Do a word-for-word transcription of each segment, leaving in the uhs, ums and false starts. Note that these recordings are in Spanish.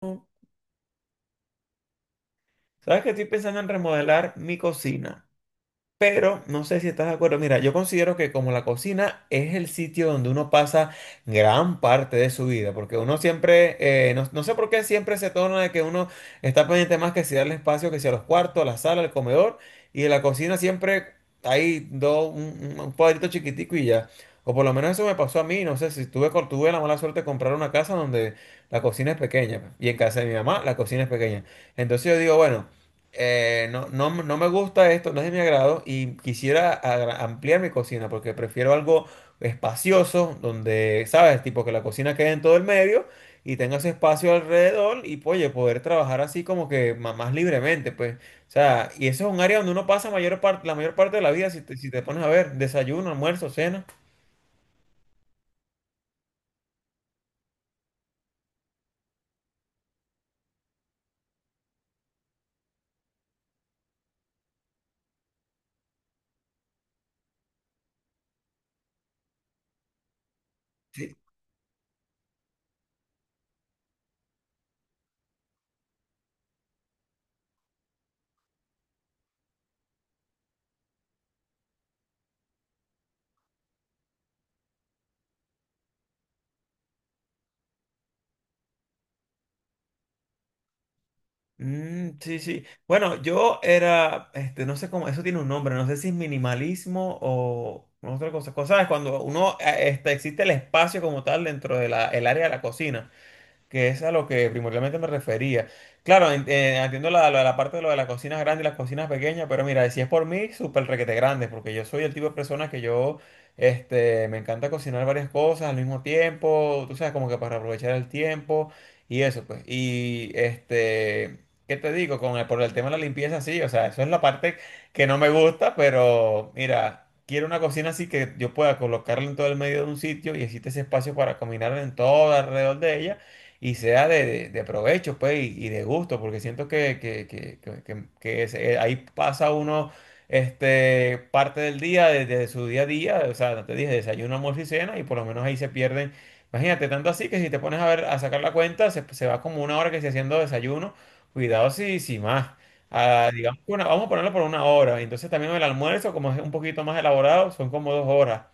Sabes que estoy pensando en remodelar mi cocina, pero no sé si estás de acuerdo. Mira, yo considero que como la cocina es el sitio donde uno pasa gran parte de su vida, porque uno siempre, eh, no, no sé por qué siempre se torna de que uno está pendiente más que si darle espacio, que si a los cuartos, a la sala, al comedor, y en la cocina siempre hay dos, un, un- un cuadrito chiquitico y ya. O por lo menos eso me pasó a mí, no sé si tuve, co- tuve la mala suerte de comprar una casa donde la cocina es pequeña, y en casa de mi mamá la cocina es pequeña. Entonces yo digo, bueno. eh, no, no, no me gusta esto, no es de mi agrado y quisiera agra- ampliar mi cocina porque prefiero algo espacioso donde, ¿sabes? Tipo que la cocina quede en todo el medio y tenga su espacio alrededor y, oye, poder trabajar así como que ma- más libremente, pues. O sea, y eso es un área donde uno pasa mayor parte, la mayor parte de la vida si te, si te pones a ver, desayuno, almuerzo, cena. Mm, sí, sí. Bueno, yo era, este, no sé cómo, eso tiene un nombre, no sé si es minimalismo o otra cosa. Cosa es cuando uno, eh, este, existe el espacio como tal dentro de la, el área de la cocina que es a lo que primordialmente me refería. Claro, en- eh, entiendo la, la, la parte de lo de las cocinas grandes y las cocinas pequeñas, pero mira, si es por mí, súper requete grande, porque yo soy el tipo de persona que yo, este, me encanta cocinar varias cosas al mismo tiempo, tú sabes, como que para aprovechar el tiempo y eso, pues. Y, este, ¿qué te digo? Con el, por el tema de la limpieza, sí, o sea, eso es la parte que no me gusta, pero mira. Quiero una cocina así que yo pueda colocarla en todo el medio de un sitio y existe ese espacio para caminar en todo alrededor de ella y sea de, de- de provecho, pues, y, y de gusto, porque siento que, que, que- que- que- que es- eh, ahí pasa uno este, parte del día, de, de su día a día, o sea, no te dije, desayuno, almuerzo y cena, y por lo menos ahí se pierden. Imagínate, tanto así que si te pones a ver, a sacar la cuenta, se, se va como una hora que se haciendo desayuno, cuidado si, si más. Ah, digamos que una- vamos a ponerlo por una hora. Entonces también el almuerzo, como es un poquito más elaborado, son como dos horas.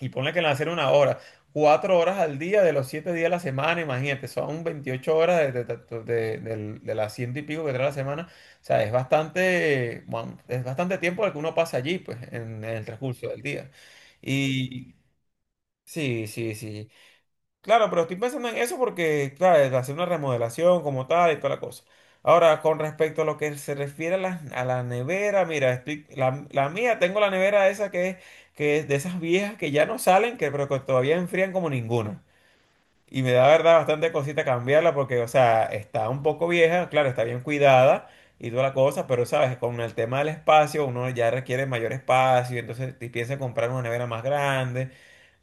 Y ponle que le hacer una hora, cuatro horas al día de los siete días de la semana, imagínate, son veintiocho horas de, de, de- de- del- de las ciento y pico que trae la semana. O sea, es bastante, bueno, es bastante tiempo el que uno pasa allí, pues, en, en el transcurso del día. Y sí, sí, sí. Claro, pero estoy pensando en eso porque, claro, hacer una remodelación como tal y toda la cosa. Ahora, con respecto a lo que se refiere a la, a la nevera, mira, estoy- la, la mía, tengo la nevera esa que es, que es de esas viejas que ya no salen, que, pero que todavía enfrían como ninguna. Y me da, verdad, bastante cosita cambiarla porque, o sea, está un poco vieja, claro, está bien cuidada y toda la cosa, pero, sabes, con el tema del espacio, uno ya requiere mayor espacio, entonces te piensa en comprar una nevera más grande.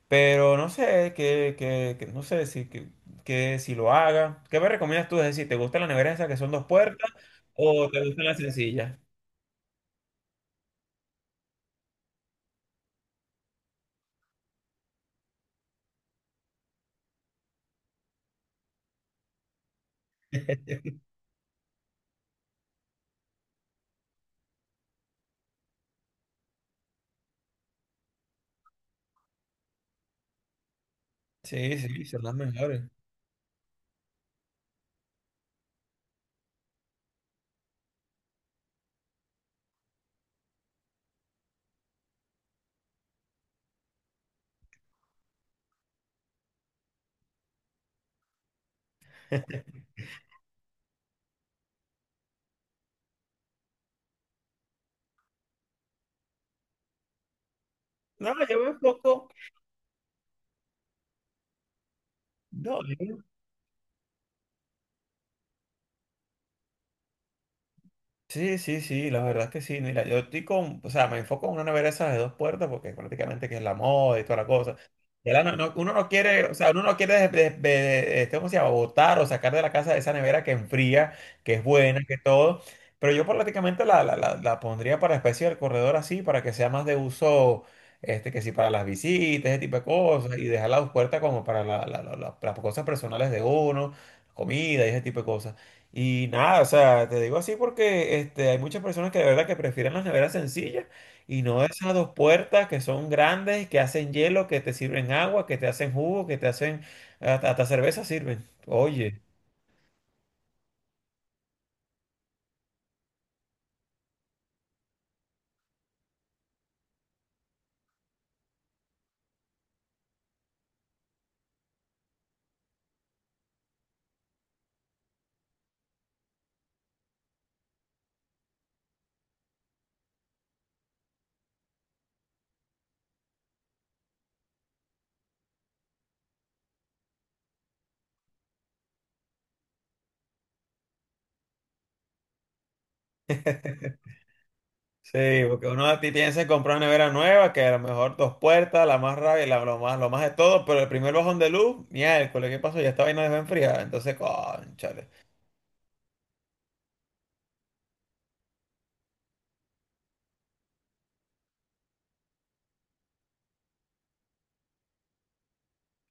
Pero no sé, que, que, que- no sé si, que, que si lo haga. ¿Qué me recomiendas tú? Es decir, ¿te gustan las neveras esas que son dos puertas o te gustan las sencillas? Sí, sí, son las mejores. No, yo me enfoco. No. Sí, sí, sí, la verdad es que sí. Mira, yo estoy con, o sea, me enfoco en una nevera esas de dos puertas porque prácticamente que es la moda y toda la cosa. Ya la no- no- uno no quiere, o sea, uno no quiere, des- des- de- este, ¿cómo se llama? Botar o sacar de la casa esa nevera que enfría, que es buena, que todo. Pero yo prácticamente la, la, la, la pondría para especie del corredor así, para que sea más de uso, este, que sí, para las visitas, ese tipo de cosas, y dejar las dos puertas como para la- la- la- la- las cosas personales de uno, comida y ese tipo de cosas. Y nada, o sea, te digo así porque este, hay muchas personas que de verdad que prefieren las neveras sencillas y no esas dos puertas que son grandes, que hacen hielo, que te sirven agua, que te hacen jugo, que te hacen hasta, hasta cerveza sirven. Oye, sí, porque uno a ti piensa en comprar una nevera nueva, que a lo mejor dos puertas, la más rabia, la, lo más, lo más de todo, pero el primer bajón de luz, miércoles, ¿qué pasó? Ya esta vaina dejó enfriada. Entonces, cónchale.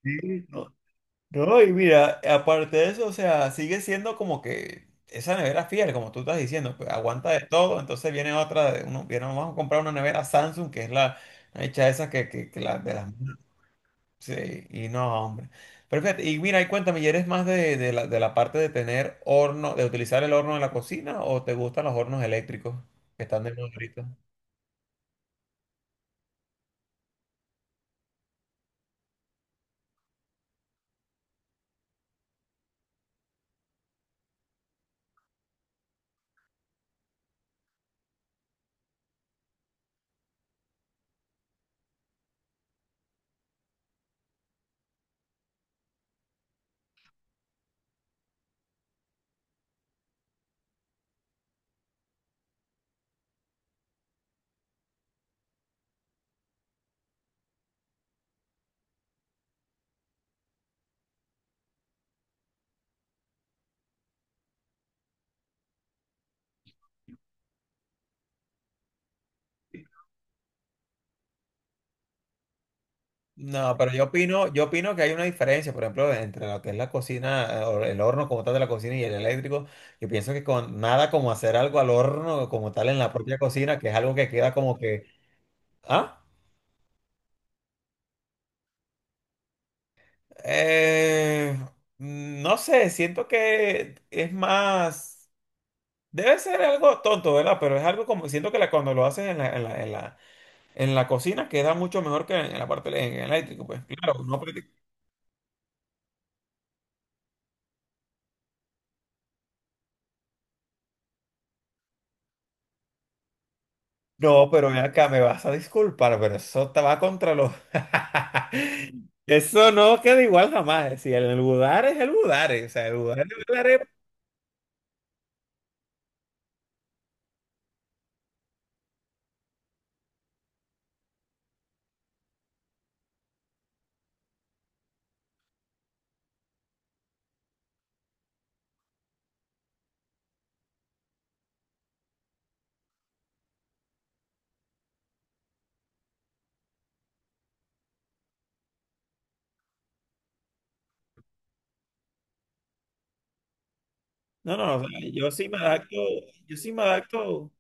Sí, no. No, y mira, aparte de eso, o sea, sigue siendo como que esa nevera fiel, como tú estás diciendo, pues, aguanta de todo, entonces viene otra, de uno, viene, vamos a comprar una nevera Samsung, que es la la hecha esa que, que, que la de las... Sí, y no, hombre. Pero fíjate, y mira, y cuéntame, ¿y eres más de, de la, de la parte de tener horno, de utilizar el horno en la cocina o te gustan los hornos eléctricos que están de moda ahorita? No, pero yo opino, yo opino que hay una diferencia, por ejemplo, entre lo que es la cocina, eh, o el horno como tal de la cocina y el eléctrico. Yo pienso que con nada como hacer algo al horno como tal en la propia cocina, que es algo que queda como que, ah, eh, mm, no sé, siento que es más, debe ser algo tonto, ¿verdad? Pero es algo como, siento que la- cuando lo haces en la, en la, en la, en la cocina queda mucho mejor que en la parte elé- en el eléctrico, pues. Claro, no. No, pero ven acá, me vas a disculpar, pero eso te va contra los... Eso no queda igual jamás. eh, Si el budar es el budar, o sea, el budar es el budar. No, no, o sea, yo sí me adapto, yo sí me adapto.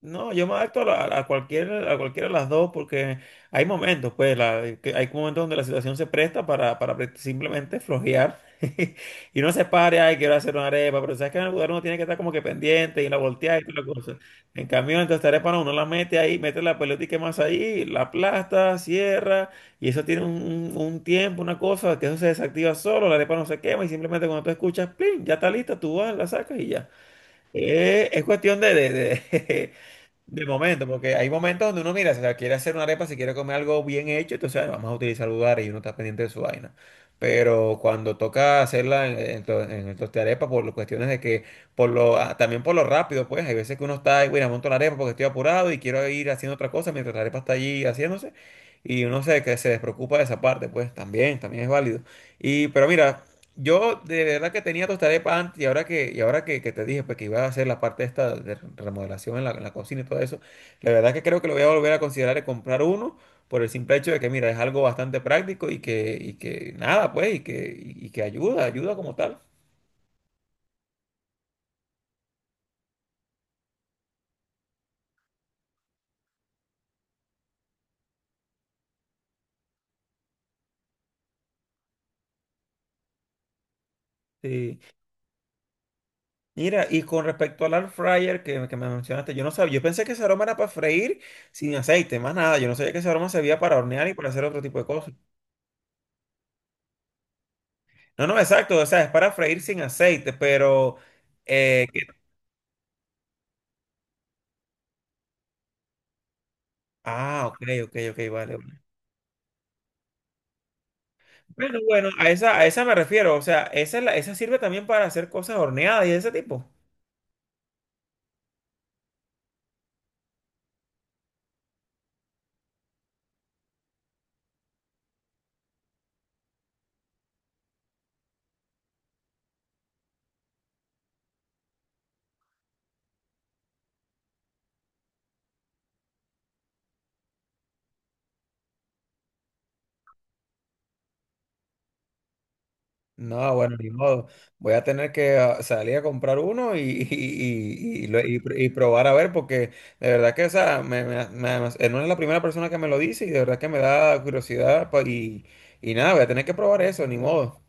No, yo me adapto a, la- a cualquier, a cualquiera de las dos porque hay momentos, pues, la- eh, que hay momentos donde la situación se presta para, para pre- simplemente flojear y uno se pare, ay, quiero hacer una arepa, pero sabes que en el lugar uno tiene que estar como que pendiente y la voltea y toda la cosa. En cambio, entonces esta arepa no, uno la mete ahí, mete la pelota más ahí, la aplasta, cierra y eso tiene un, un- un tiempo, una cosa, que eso se desactiva solo, la arepa no se quema y simplemente cuando tú escuchas, plin, ya está lista, tú vas, la sacas y ya. Eh, es cuestión de, de, de De momento, porque hay momentos donde uno mira, si la quiere hacer una arepa, si quiere comer algo bien hecho, entonces "Ay, vamos a utilizar lugares y uno está pendiente de su vaina. Pero cuando toca hacerla en, en, to- en el tostarepa, por las cuestiones de que, por lo, ah, también por lo rápido, pues, hay veces que uno está, "Ay, mira, monto la arepa porque estoy apurado y quiero ir haciendo otra cosa mientras la arepa está allí haciéndose, y uno se, que se despreocupa de esa parte, pues, también, también es válido. Y, pero mira, yo de verdad que tenía tostada de pan y ahora que, y ahora que, que te dije pues, que iba a hacer la parte esta de remodelación en la, en la cocina y todo eso, la verdad que creo que lo voy a volver a considerar de comprar uno por el simple hecho de que, mira, es algo bastante práctico y que, y que nada, pues, y que, y y que ayuda, ayuda como tal. Sí. Mira, y con respecto al air fryer que, que me mencionaste, yo no sabía, yo pensé que ese aroma era para freír sin aceite, más nada, yo no sabía que ese aroma servía para hornear y para hacer otro tipo de cosas. No, no, exacto, o sea, es para freír sin aceite, pero... eh, Ah, ok, ok, ok, vale. Vale. Bueno, bueno, a esa, a esa me refiero. O sea, esa, es la- esa sirve también para hacer cosas horneadas y de ese tipo. No, bueno, ni modo. Voy a tener que ah, salir a comprar uno y, y, y- y lo- y pr- y probar a ver, porque de verdad que, o sea, me, me- me- me- eh, no es la primera persona que me lo dice y de verdad que me da curiosidad. pa- Y, y nada, voy a tener que probar eso, ni modo.